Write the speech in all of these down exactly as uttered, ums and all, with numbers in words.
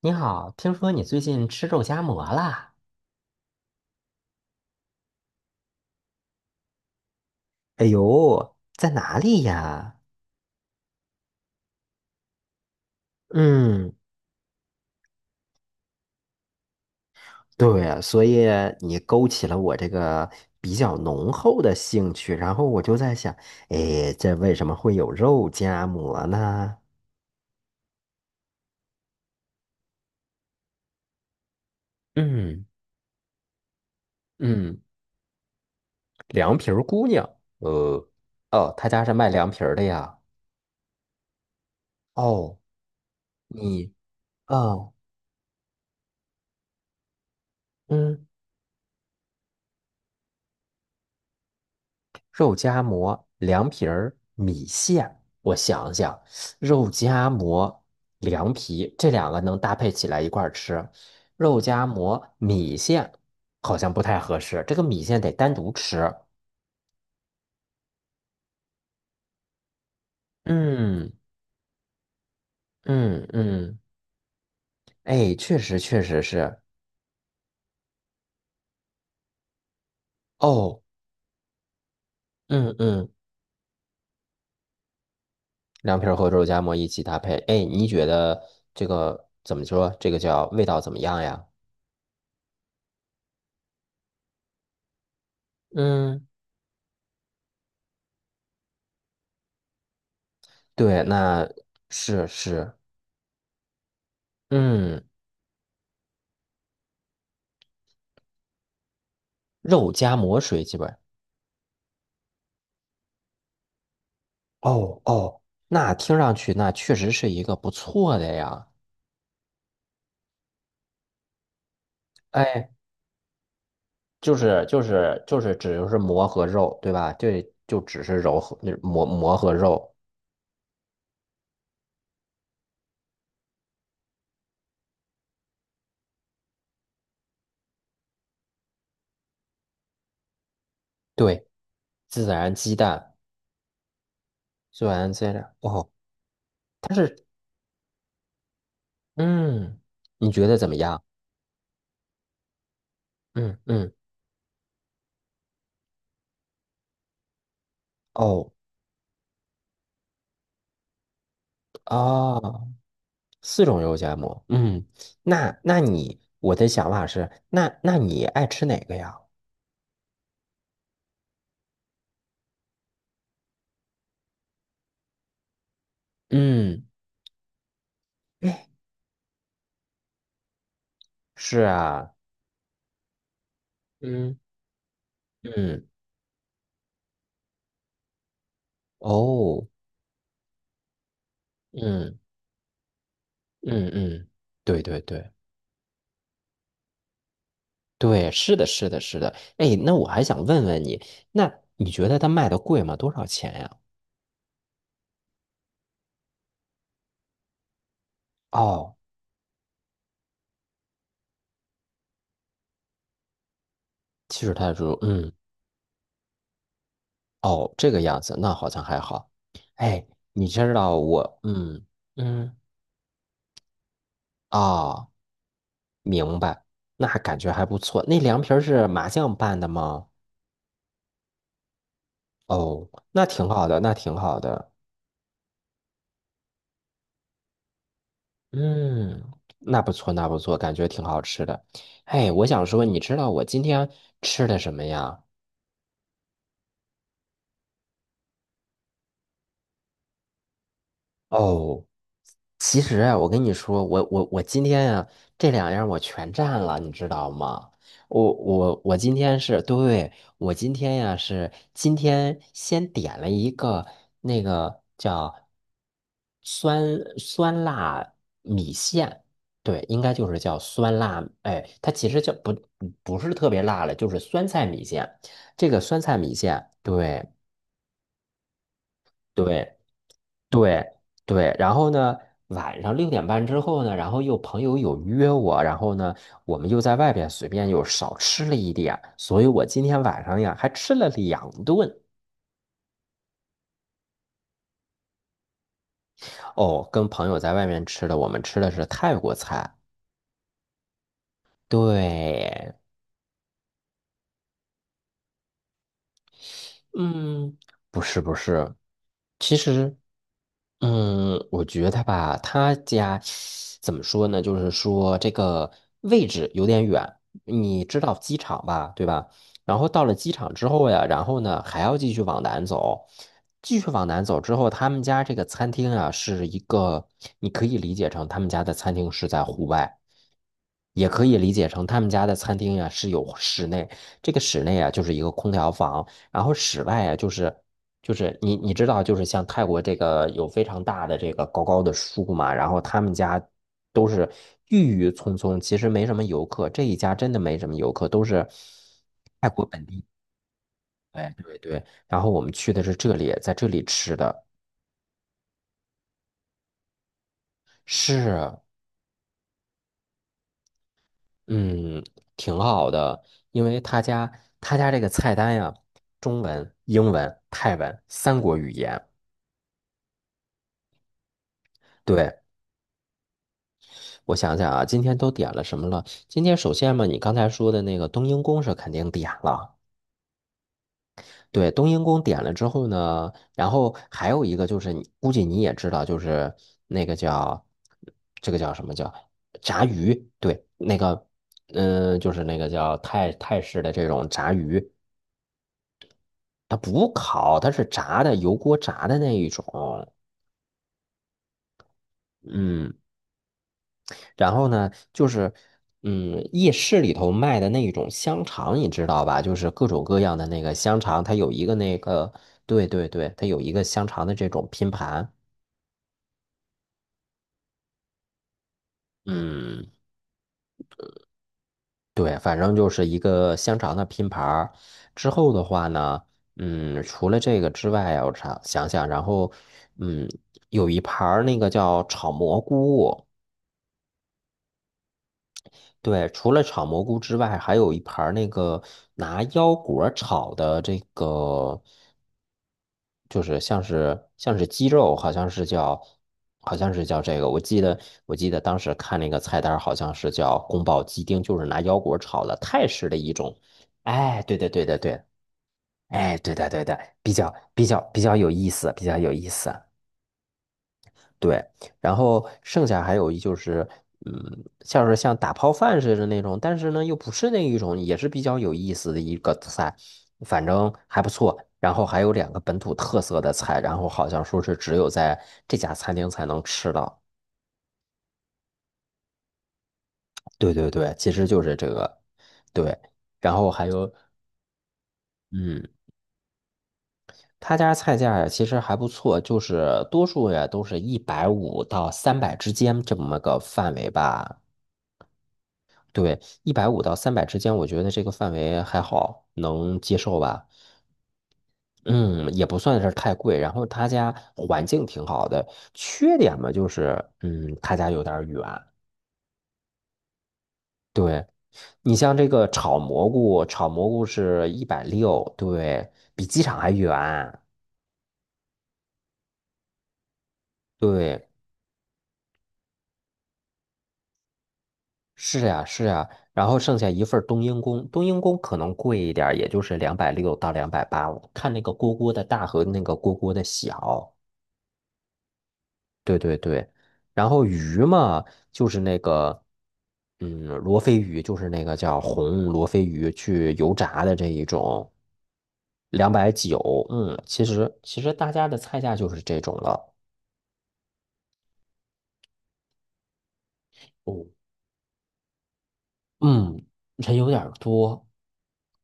你好，听说你最近吃肉夹馍啦？哎呦，在哪里呀？嗯，对啊，所以你勾起了我这个比较浓厚的兴趣，然后我就在想，哎，这为什么会有肉夹馍呢？嗯嗯，凉皮儿姑娘，呃，哦，他家是卖凉皮儿的呀。哦，你，哦，嗯。肉夹馍、凉皮儿、米线。我想想，肉夹馍、凉皮这两个能搭配起来一块儿吃，肉夹馍、米线好像不太合适，这个米线得单独吃。嗯嗯嗯，哎，确实确实是。哦，嗯嗯，凉皮儿和肉夹馍一起搭配，哎，你觉得这个怎么说？这个叫味道怎么样呀？嗯，对，那是是。嗯肉夹馍水基本。哦哦，那听上去那确实是一个不错的呀。哎，就是就是就是只就是馍和肉，对吧？对，就只是揉和那馍馍和肉。对，孜然鸡蛋，孜然鸡蛋。哦，它是嗯，你觉得怎么样？嗯嗯。哦啊，四种肉夹馍。嗯，那那你我的想法是，那那你爱吃哪个呀？嗯，哎，是啊。嗯。嗯，哦，嗯嗯嗯，对对对对，是的，是的，是的。哎，那我还想问问你，那你觉得它卖的贵吗？多少钱呀？哦，其实他说，嗯，哦，这个样子，那好像还好。哎，你知道我，嗯嗯，哦，明白，那感觉还不错。那凉皮儿是麻酱拌的吗？哦，那挺好的，那挺好的。嗯，那不错，那不错，感觉挺好吃的。哎，我想说，你知道我今天吃的什么呀？哦。其实啊，我跟你说，我我我今天呀，这两样我全占了，你知道吗？我我我今天是对，我今天呀、是今天先点了一个那个叫酸酸辣米线，对，应该就是叫酸辣，哎，它其实叫不不是特别辣了，就是酸菜米线。这个酸菜米线，对对。对对，然后呢，晚上六点半之后呢，然后又朋友有约我，然后呢，我们又在外边随便又少吃了一点，所以我今天晚上呀还吃了两顿哦，跟朋友在外面吃的，我们吃的是泰国菜，对，嗯，不是不是，其实，嗯，我觉得吧，他家怎么说呢？就是说这个位置有点远，你知道机场吧，对吧？然后到了机场之后呀，然后呢还要继续往南走，继续往南走之后，他们家这个餐厅啊是一个，你可以理解成他们家的餐厅是在户外，也可以理解成他们家的餐厅呀是有室内，这个室内啊就是一个空调房。然后室外啊，就是就是你你知道，就是像泰国这个有非常大的这个高高的树嘛，然后他们家都是郁郁葱葱，其实没什么游客，这一家真的没什么游客，都是泰国本地。对对对，然后我们去的是这里，在这里吃的是嗯挺好的，因为他家他家这个菜单呀，中文、英文、泰文三国语言。对，我想想啊，今天都点了什么了？今天首先嘛，你刚才说的那个冬阴功是肯定点了。对，冬阴功点了之后呢，然后还有一个就是你，估计你也知道，就是那个叫这个叫什么叫炸鱼？对，那个嗯、呃就是那个叫泰泰式的这种炸鱼，它不烤，它是炸的，油锅炸的那一种。嗯。然后呢，就是，嗯，夜市里头卖的那种香肠，你知道吧？就是各种各样的那个香肠，它有一个那个，对对对，它有一个香肠的这种拼盘。嗯，对，反正就是一个香肠的拼盘儿之后的话呢，嗯，除了这个之外啊，我想想想，然后，嗯，有一盘儿那个叫炒蘑菇。对，除了炒蘑菇之外，还有一盘儿那个拿腰果儿炒的这个，就是像是像是鸡肉，好像是叫好像是叫这个，我记得我记得当时看那个菜单儿好像是叫宫保鸡丁，就是拿腰果炒的泰式的一种。哎，对对对对对，哎，对的对的，比较比较比较有意思，比较有意思。对，然后剩下还有一就是，嗯，像是像打泡饭似的那种，但是呢又不是那一种，也是比较有意思的一个菜，反正还不错。然后还有两个本土特色的菜，然后好像说是只有在这家餐厅才能吃到。对对对，其实就是这个，对。然后还有，嗯，他家菜价呀其实还不错，就是多数呀都是一百五到三百之间这么个范围吧。对，一百五到三百之间，我觉得这个范围还好，能接受吧。嗯，也不算是太贵。然后他家环境挺好的，缺点嘛就是，嗯，他家有点儿远。对，你像这个炒蘑菇，炒蘑菇是一百六，对，比机场还远。对，是呀，是呀。然后剩下一份儿冬阴功，冬阴功可能贵一点儿也就是两百六到两百八，看那个锅锅的大和那个锅锅的小。对对对，然后鱼嘛，就是那个，嗯，罗非鱼，就是那个叫红罗非鱼，去油炸的这一种，两百九，嗯，其实其实大家的菜价就是这种了，哦，嗯，人有点儿多，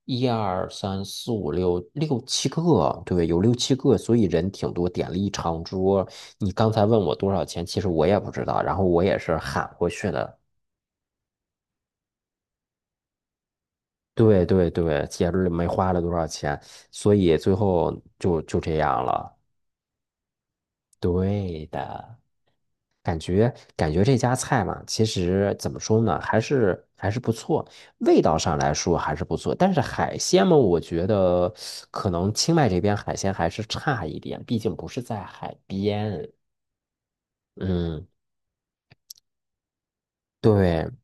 一二三四五六六七个，对，有六七个，所以人挺多，点了一长桌。你刚才问我多少钱，其实我也不知道，然后我也是喊过去的。对对对，节日没花了多少钱，所以最后就就这样了。对的，感觉感觉这家菜嘛，其实怎么说呢，还是还是不错，味道上来说还是不错。但是海鲜嘛，我觉得可能清迈这边海鲜还是差一点，毕竟不是在海边。嗯，对。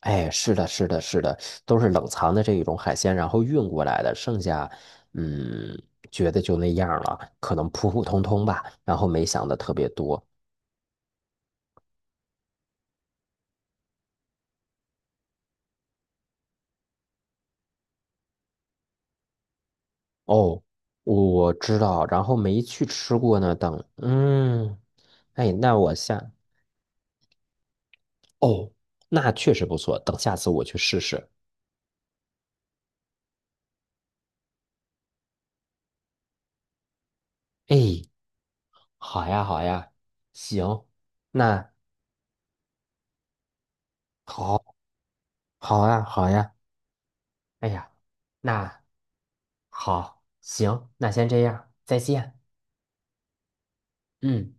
哎，是的，是的，是的，都是冷藏的这一种海鲜，然后运过来的，剩下，嗯，觉得就那样了，可能普普通通吧，然后没想的特别多。哦，我知道，然后没去吃过呢。等，嗯，哎，那我下，哦，那确实不错，等下次我去试试。哎，好呀，好呀，行，那好，好呀，好呀，哎呀，那好，行，那先这样，再见。嗯，